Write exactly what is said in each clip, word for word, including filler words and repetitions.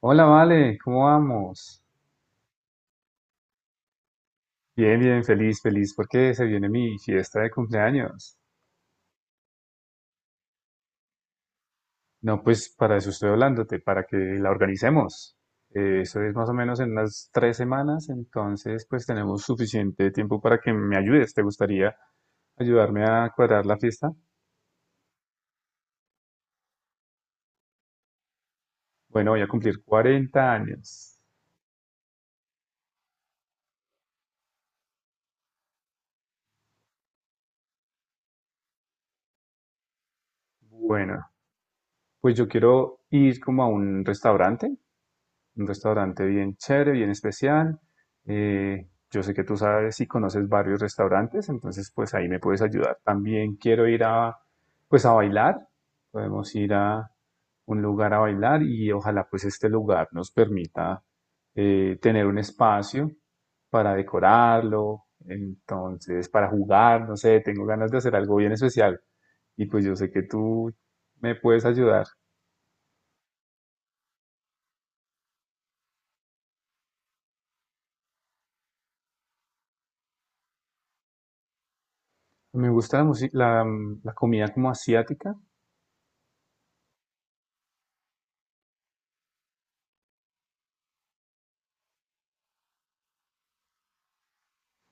Hola, Vale, ¿cómo vamos? Bien, bien, feliz, feliz, porque se viene mi fiesta de cumpleaños. No, pues para eso estoy hablándote, para que la organicemos. Eh, eso es más o menos en unas tres semanas, entonces pues tenemos suficiente tiempo para que me ayudes. ¿Te gustaría ayudarme a cuadrar la fiesta? Bueno, voy a cumplir cuarenta años. Bueno, pues yo quiero ir como a un restaurante un restaurante bien chévere, bien especial. Eh, yo sé que tú sabes y conoces varios restaurantes, entonces pues ahí me puedes ayudar. También quiero ir a, pues a bailar. Podemos ir a un lugar a bailar y ojalá pues este lugar nos permita eh, tener un espacio para decorarlo, entonces para jugar, no sé, tengo ganas de hacer algo bien especial. Y pues yo sé que tú me puedes ayudar. Me gusta la, musi- la, la comida como asiática.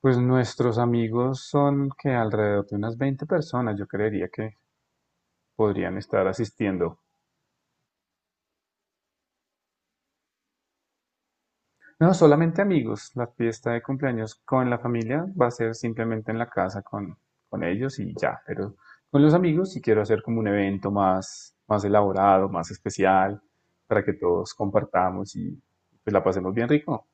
Pues nuestros amigos son que alrededor de unas veinte personas, yo creería que podrían estar asistiendo. No, solamente amigos. La fiesta de cumpleaños con la familia va a ser simplemente en la casa con, con ellos y ya, pero con los amigos sí quiero hacer como un evento más, más elaborado, más especial, para que todos compartamos y pues la pasemos bien rico.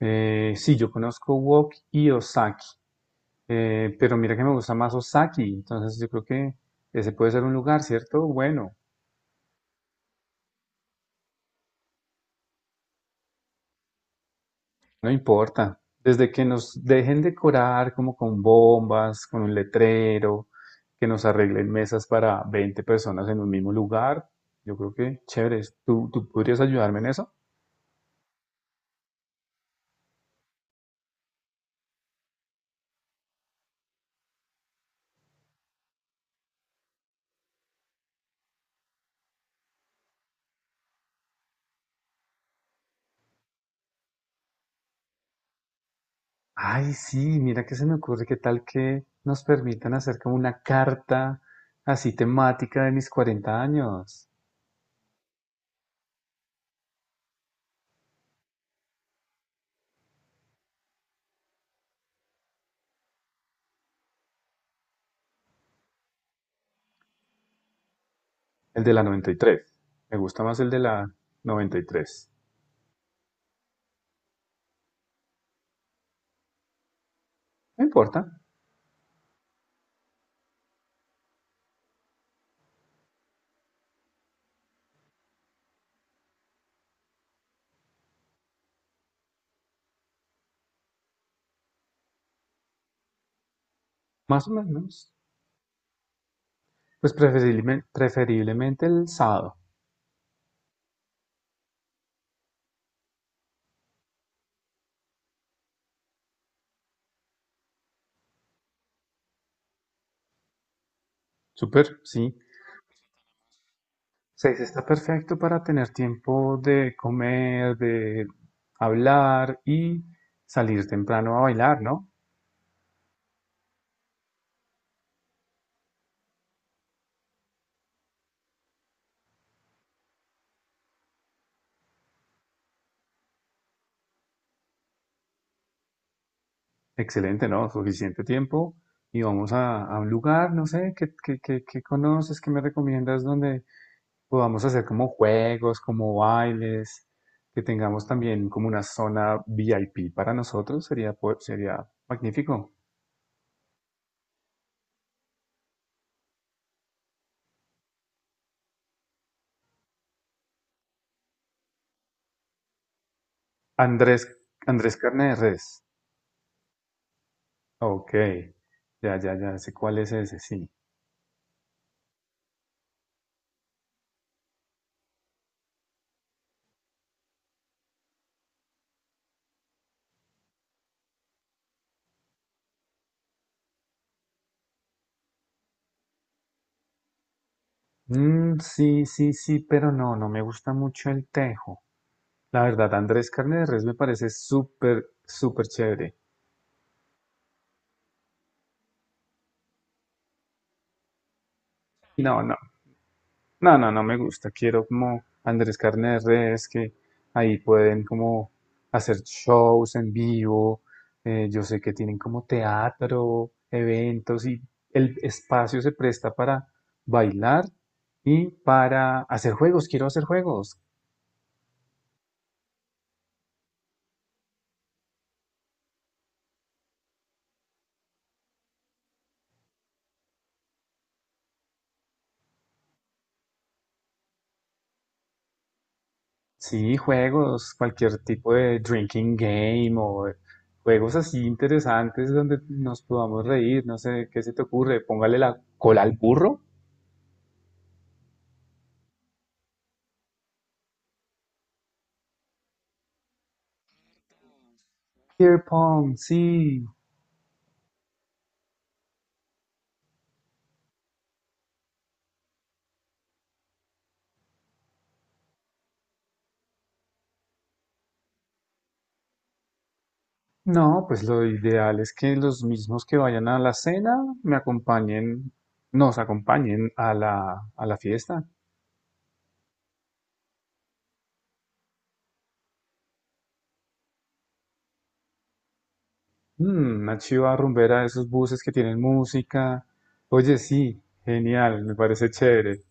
Eh, sí, yo conozco Wok y Osaki. Eh, pero mira que me gusta más Osaki, entonces yo creo que ese puede ser un lugar, ¿cierto? Bueno, no importa. Desde que nos dejen decorar como con bombas, con un letrero, que nos arreglen mesas para veinte personas en un mismo lugar, yo creo que chévere. ¿Tú, tú podrías ayudarme en eso? Ay, sí, mira que se me ocurre que tal que nos permitan hacer como una carta así temática de mis cuarenta años. El de la noventa y tres. Me gusta más el de la noventa y tres. No importa, más o menos. Pues preferiblemente, preferiblemente el sábado. Súper, sí. Seis está perfecto para tener tiempo de comer, de hablar y salir temprano a bailar, ¿no? Excelente, ¿no? Suficiente tiempo. Y vamos a, a un lugar, no sé, ¿qué, qué, qué, qué conoces, qué me recomiendas donde podamos hacer como juegos, como bailes, que tengamos también como una zona V I P para nosotros? Sería, po- sería magnífico. Andrés, Andrés Carne de Res. Ok. Ya, ya, ya sé cuál es ese, sí. Mm, sí, sí, sí, pero no, no me gusta mucho el tejo. La verdad, Andrés Carne de Res me parece súper, súper chévere. No, no. No, no, no me gusta. Quiero como Andrés Carne de Res, que ahí pueden como hacer shows en vivo. Eh, yo sé que tienen como teatro, eventos y el espacio se presta para bailar y para hacer juegos. Quiero hacer juegos. Sí, juegos, cualquier tipo de drinking game o de juegos así interesantes donde nos podamos reír. No sé, ¿qué se te ocurre? Póngale la cola al burro. Beer pong, sí. No, pues lo ideal es que los mismos que vayan a la cena me acompañen, nos acompañen a la, a la fiesta. Mm, una chiva rumbera de esos buses que tienen música. Oye, sí, genial, me parece chévere.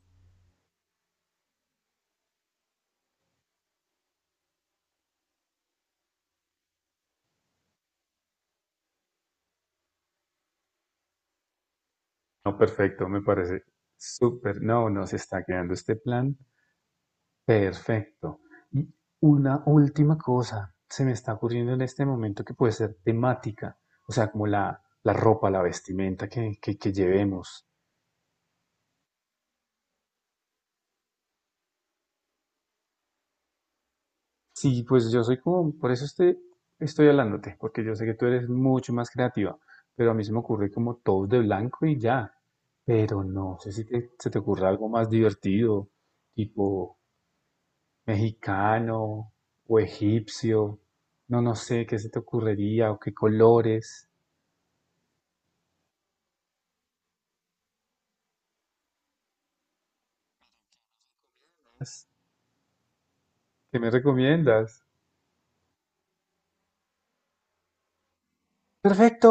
No, perfecto, me parece súper. No, nos está quedando este plan perfecto. Y una última cosa se me está ocurriendo en este momento que puede ser temática, o sea, como la, la ropa, la vestimenta que, que que llevemos. Sí, pues yo soy como, por eso estoy, estoy hablándote, porque yo sé que tú eres mucho más creativa, pero a mí se me ocurre como todos de blanco y ya, pero no sé si te- se te ocurre algo más divertido, tipo mexicano o egipcio, no, no sé qué se te ocurriría o qué colores, ¿qué me recomiendas? Perfecto.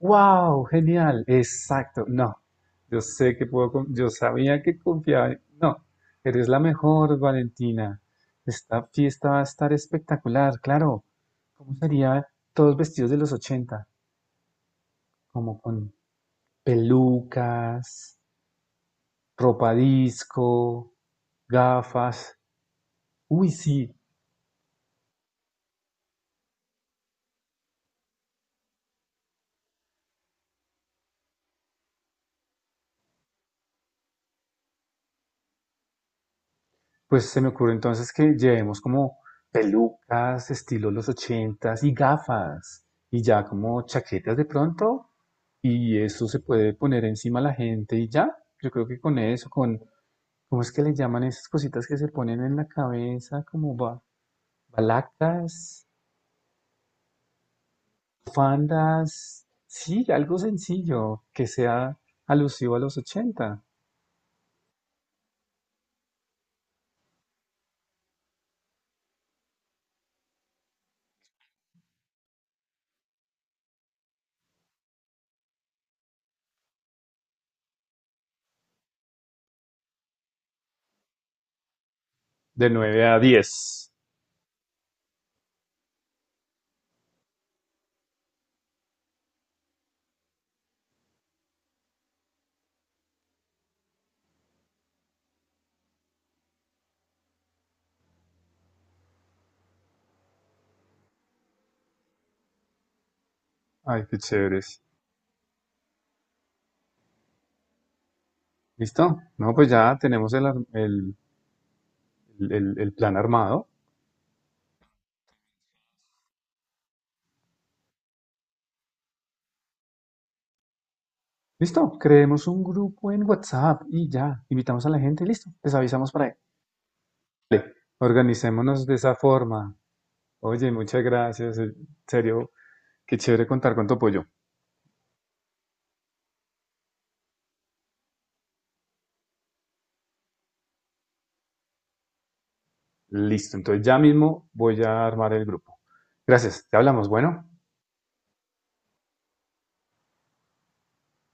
Wow, genial, exacto. No, yo sé que puedo, con- yo sabía que confiaba. en- No, eres la mejor, Valentina. Esta fiesta va a estar espectacular, claro. ¿Cómo sería todos vestidos de los ochenta? Como con pelucas, ropa disco, gafas. Uy, sí. Pues se me ocurre entonces que llevemos como pelucas, estilo los ochentas y gafas y ya como chaquetas de pronto y eso se puede poner encima a la gente y ya. Yo creo que con eso, con ¿cómo es que le llaman esas cositas que se ponen en la cabeza como ba- balacas, fandas? Sí, algo sencillo que sea alusivo a los ochenta. De nueve a diez. Ay, qué chéveres. Listo. No, pues ya tenemos el, ar- el el, el- el plan armado. Listo, creemos un grupo en WhatsApp y ya, invitamos a la gente, listo, les avisamos para ahí. Vale, organicémonos de esa forma. Oye, muchas gracias, en serio, qué chévere contar con tu apoyo. Listo, entonces ya mismo voy a armar el grupo. Gracias, te hablamos, bueno.